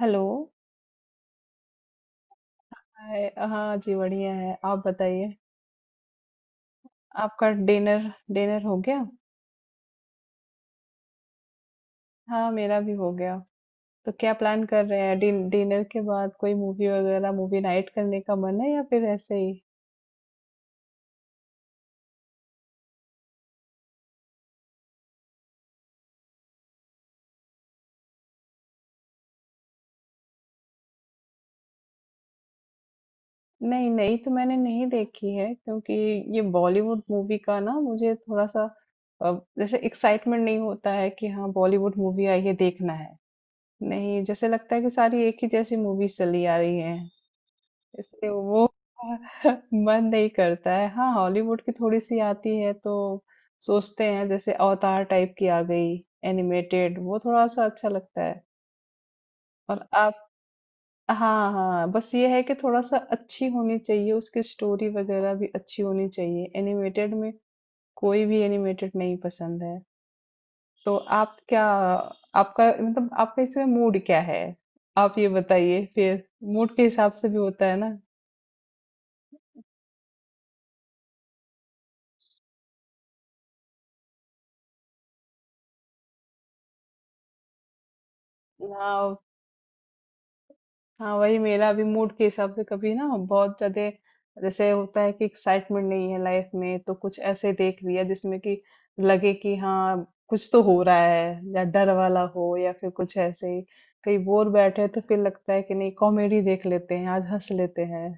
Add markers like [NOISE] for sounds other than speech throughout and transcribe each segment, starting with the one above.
Hello. Hi, हाँ जी बढ़िया है। आप बताइए, आपका डिनर, डिनर हो गया? हाँ, मेरा भी हो गया। तो क्या प्लान कर रहे हैं? डिनर के बाद कोई मूवी वगैरह, मूवी नाइट करने का मन है या फिर ऐसे ही? नहीं नहीं, तो मैंने नहीं देखी है क्योंकि ये बॉलीवुड मूवी का ना मुझे थोड़ा सा अ, जैसे एक्साइटमेंट नहीं होता है कि हाँ बॉलीवुड मूवी आई है देखना है। नहीं, जैसे लगता है कि सारी एक ही जैसी मूवीज चली आ रही है, इसलिए वो [LAUGHS] मन नहीं करता है। हाँ, हॉलीवुड की थोड़ी-सी आती है तो सोचते हैं जैसे अवतार टाइप की आ गई, एनिमेटेड, वो थोड़ा-सा अच्छा लगता है। और आप? हाँ, हाँ, बस ये है कि थोड़ा-सा अच्छी होनी चाहिए, उसकी स्टोरी वगैरह भी अच्छी होनी चाहिए। एनिमेटेड में कोई भी एनिमेटेड नहीं पसंद है। तो आप क्या, आपका मतलब आपका इसमें मूड क्या है? आप ये बताइए फिर, मूड के हिसाब से भी होता है ना। हाँ, हाँ वही, मेरा भी मूड के हिसाब से कभी ना बहुत ज्यादा जैसे होता है कि एक्साइटमेंट नहीं है लाइफ में, तो कुछ ऐसे देख लिया जिसमें कि लगे कि हाँ कुछ तो हो रहा है, या डर वाला हो या फिर कुछ ऐसे ही। कहीं बोर बैठे हैं, तो फिर लगता है कि नहीं कॉमेडी देख लेते हैं, आज हंस लेते हैं।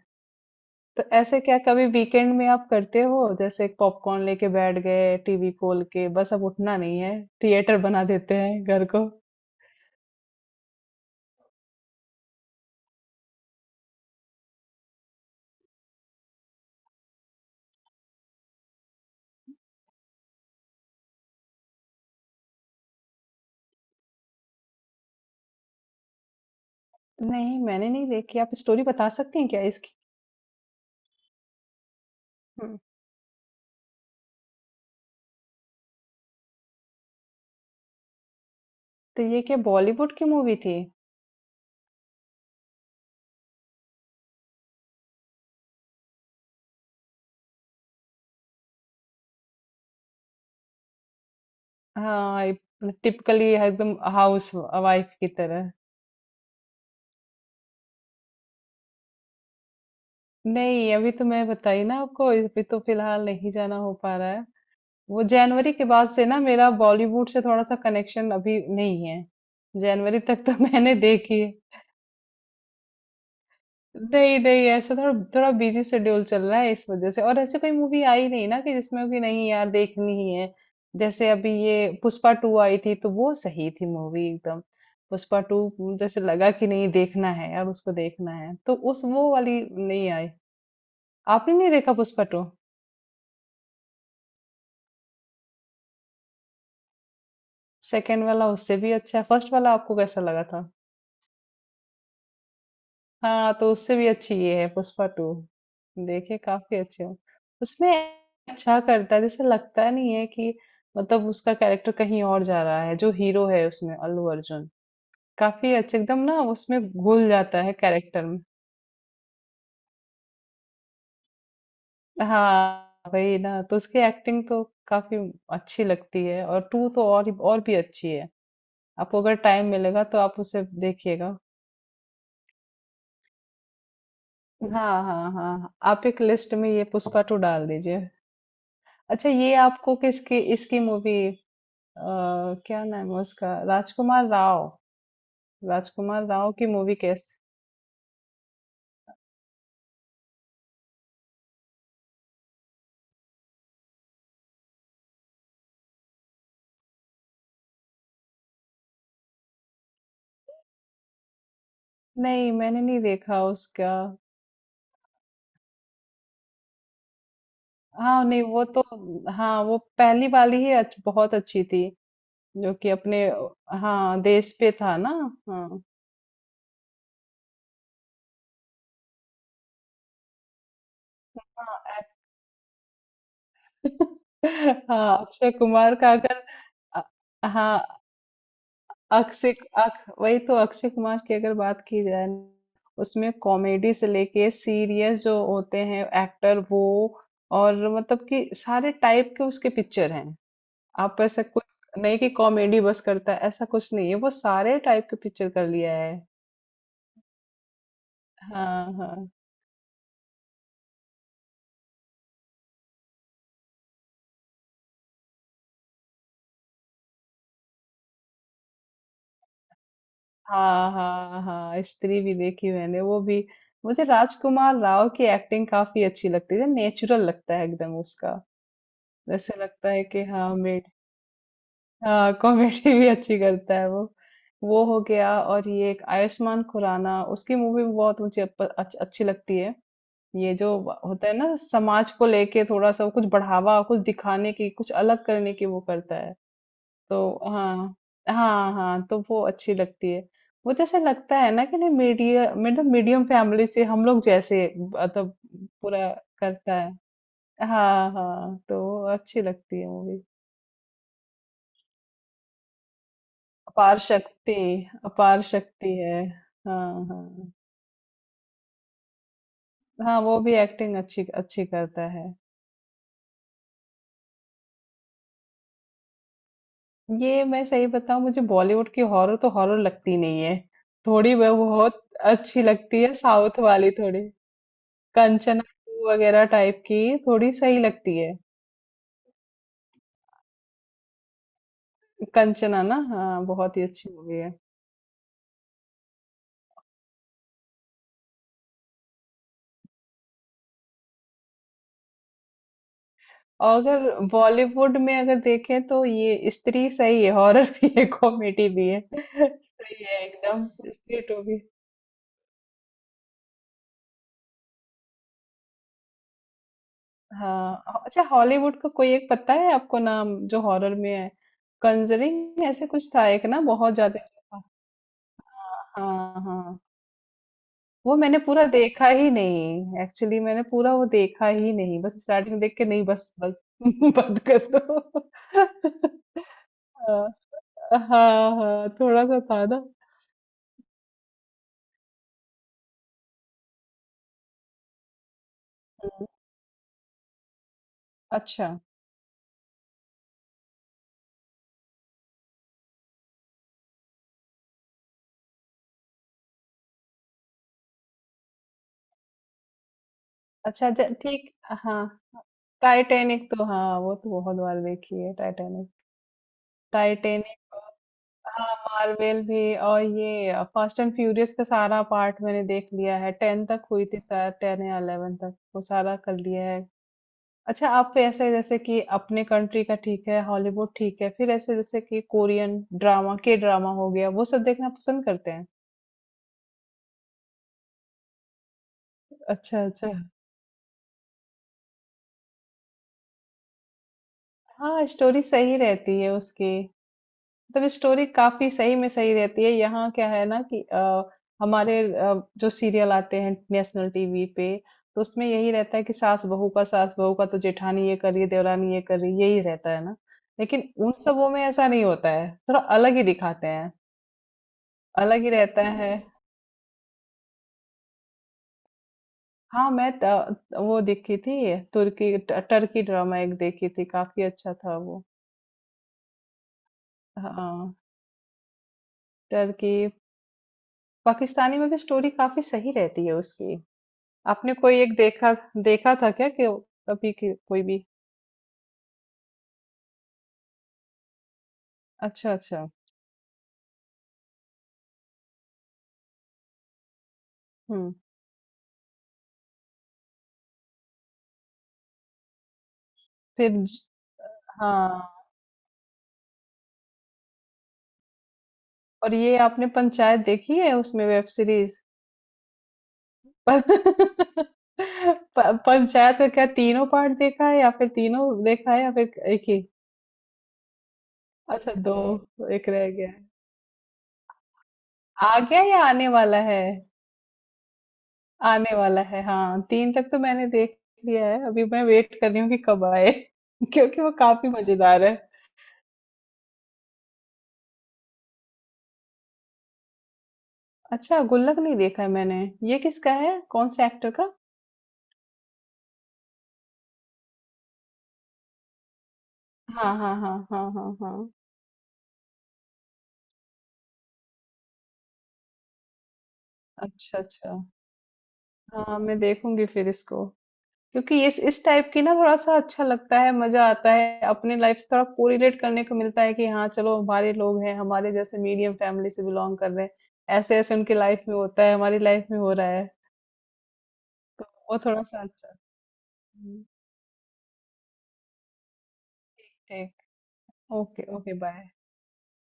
तो ऐसे क्या कभी वीकेंड में आप करते हो जैसे पॉपकॉर्न लेके बैठ गए, टीवी खोल के, बस अब उठना नहीं है, थिएटर बना देते हैं घर को? नहीं मैंने नहीं देखी, आप स्टोरी बता सकती हैं क्या इसकी? तो ये क्या बॉलीवुड की मूवी थी? हाँ, टिपिकली एकदम हाउस वाइफ की तरह। नहीं अभी तो मैं बताई ना आपको, अभी तो फिलहाल नहीं जाना हो पा रहा है। वो जनवरी के बाद से ना मेरा बॉलीवुड से थोड़ा सा कनेक्शन अभी नहीं है। जनवरी तक तो [LAUGHS] मैंने देखी। नहीं नहीं, ऐसा थोड़ा थोड़ा बिजी शेड्यूल चल रहा है इस वजह से, और ऐसे कोई मूवी आई नहीं ना कि जिसमें कि नहीं यार देखनी ही है। जैसे अभी ये पुष्पा टू आई थी, तो वो सही थी मूवी एकदम, पुष्पा टू। जैसे लगा कि नहीं देखना है यार, उसको देखना है, तो उस वो वाली नहीं आई। आपने नहीं देखा पुष्पा टू? सेकेंड वाला उससे भी अच्छा है। फर्स्ट वाला आपको कैसा लगा था? हाँ तो उससे भी अच्छी ये है पुष्पा टू। देखिए काफी अच्छी है। उसमें अच्छा करता है, जैसे लगता नहीं है कि, मतलब उसका कैरेक्टर कहीं और जा रहा है। जो हीरो है उसमें, अल्लू अर्जुन, काफी अच्छे, एकदम ना उसमें घुल जाता है कैरेक्टर में। हाँ वही ना, तो उसकी एक्टिंग तो काफी अच्छी लगती है, और टू तो और भी अच्छी है। आपको अगर टाइम मिलेगा तो आप उसे देखिएगा। हाँ हाँ हाँ हाँ। आप एक लिस्ट में ये पुष्पा टू डाल दीजिए। अच्छा, ये आपको किसकी, इसकी मूवी, क्या नाम है उसका, राजकुमार राव? राजकुमार राव की मूवी कैस नहीं, मैंने नहीं देखा उसका। हाँ नहीं वो तो, हाँ वो पहली वाली ही बहुत अच्छी थी, जो कि अपने, हाँ देश पे था ना। हाँ, हाँ। [LAUGHS] हाँ अक्षय कुमार का अगर, अ- हाँ अक्षय, अक वही तो, अक्षय कुमार की अगर बात की जाए न, उसमें कॉमेडी से लेके सीरियस जो होते हैं एक्टर, वो, और मतलब कि सारे टाइप के उसके पिक्चर हैं। आप ऐसा कुछ नहीं कि कॉमेडी बस करता है, ऐसा कुछ नहीं है, वो सारे टाइप के पिक्चर कर लिया है। हाँ हाँ हाँ हाँ। हाँ स्त्री भी देखी मैंने, वो भी। मुझे राजकुमार राव की एक्टिंग काफी अच्छी लगती है, नेचुरल लगता है एकदम उसका। जैसे लगता है कि हाँ, हाँ कॉमेडी [LAUGHS] भी अच्छी करता है वो। वो हो गया, और ये एक आयुष्मान खुराना, उसकी मूवी भी बहुत मुझे अच्छी लगती है। ये जो होता है ना समाज को लेके थोड़ा सा, कुछ बढ़ावा, कुछ दिखाने की, कुछ अलग करने की, वो करता है। तो हाँ, हाँ हाँ तो वो अच्छी लगती है। वो जैसे लगता है ना कि नहीं, मीडिया मतलब मीडियम फैमिली से हम लोग जैसे, मतलब पूरा करता है। हाँ हाँ तो वो अच्छी लगती है मूवी। अपार शक्ति, अपार शक्ति है। हाँ हाँ। हाँ वो भी एक्टिंग अच्छी अच्छी करता है। ये मैं सही बताऊं, मुझे बॉलीवुड की हॉरर तो हॉरर लगती नहीं है, थोड़ी वह बहुत अच्छी लगती है साउथ वाली, थोड़ी कंचना टू वगैरह टाइप की, थोड़ी सही लगती है। कंचना ना, हाँ बहुत ही अच्छी मूवी है। और अगर बॉलीवुड में अगर देखें, तो ये स्त्री सही है, हॉरर [LAUGHS] भी है, कॉमेडी भी है, [LAUGHS] सही है एकदम, स्त्री टू। हाँ, ह अच्छा, हॉलीवुड का कोई एक पता है आपको नाम, जो हॉरर में है? कंजरिंग ऐसे कुछ था एक ना, बहुत ज्यादा। हाँ हाँ हाँ। वो मैंने पूरा देखा ही नहीं एक्चुअली, मैंने पूरा वो देखा ही नहीं, बस स्टार्टिंग देख के नहीं, बस बस [LAUGHS] बंद कर दो। हाँ हाँ हाँ, थोड़ा सा था ना। हम्म। अच्छा, अच्छा ठीक। हाँ टाइटैनिक तो, हाँ वो तो बहुत बार देखी है टाइटैनिक, टाइटैनिक। हाँ, मार्वेल भी, और ये फास्ट एंड फ्यूरियस का सारा पार्ट मैंने देख लिया है, टेन तक हुई थी शायद, टेन या 11 तक, वो सारा कर लिया है। अच्छा, आप ऐसे जैसे कि अपने कंट्री का ठीक है, हॉलीवुड ठीक है, फिर ऐसे जैसे कि कोरियन ड्रामा, के ड्रामा हो गया, वो सब देखना पसंद करते हैं? अच्छा अच्छा, हाँ स्टोरी सही रहती है उसकी, मतलब स्टोरी काफी सही में सही रहती है। यहाँ क्या है ना कि हमारे जो सीरियल आते हैं नेशनल टीवी पे, तो उसमें यही रहता है कि सास बहू का, सास बहू का, तो जेठानी ये कर रही है, देवरानी ये कर रही है, यही रहता है ना। लेकिन उन सबों में ऐसा नहीं होता है, थोड़ा अलग ही दिखाते हैं, अलग ही रहता है। हाँ मैं वो देखी थी, तुर्की टर्की ड्रामा एक देखी थी, काफी अच्छा था वो। हाँ टर्की। पाकिस्तानी में भी स्टोरी काफी सही रहती है उसकी। आपने कोई एक देखा, देखा था क्या कि अभी की कोई भी? अच्छा अच्छा। हम्म। फिर ज- हाँ। और ये आपने पंचायत देखी है, उसमें वेब सीरीज? प- [LAUGHS] पंचायत का क्या तीनों पार्ट देखा है, या फिर तीनों देखा है या फिर एक ही? अच्छा दो, एक रह गया है, आ गया या आने वाला है? आने वाला है, हाँ तीन तक तो मैंने देख लिया है। अभी मैं वेट कर रही हूँ कि कब आए, [LAUGHS] क्योंकि वो काफी मजेदार है। अच्छा, गुल्लक नहीं देखा है मैंने। ये किसका है? कौन से एक्टर का? हाँ, हाँ, हाँ, हाँ, हाँ, हाँ। अच्छा, अच्छा। हाँ, मैं देखूँगी फिर इसको। क्योंकि इस टाइप की ना थोड़ा-सा अच्छा लगता है, मज़ा आता है। अपनी लाइफ से थोड़ा कोरिलेट करने को मिलता है कि हाँ, चलो हमारे लोग हैं, हमारे जैसे मीडियम फैमिली से बिलॉन्ग कर रहे हैं। ऐसे-ऐसे उनकी लाइफ में होता है, हमारी लाइफ में हो रहा है। तो वो थोड़ा-सा अच्छा। हुँ, ठीक। Okay, okay, bye.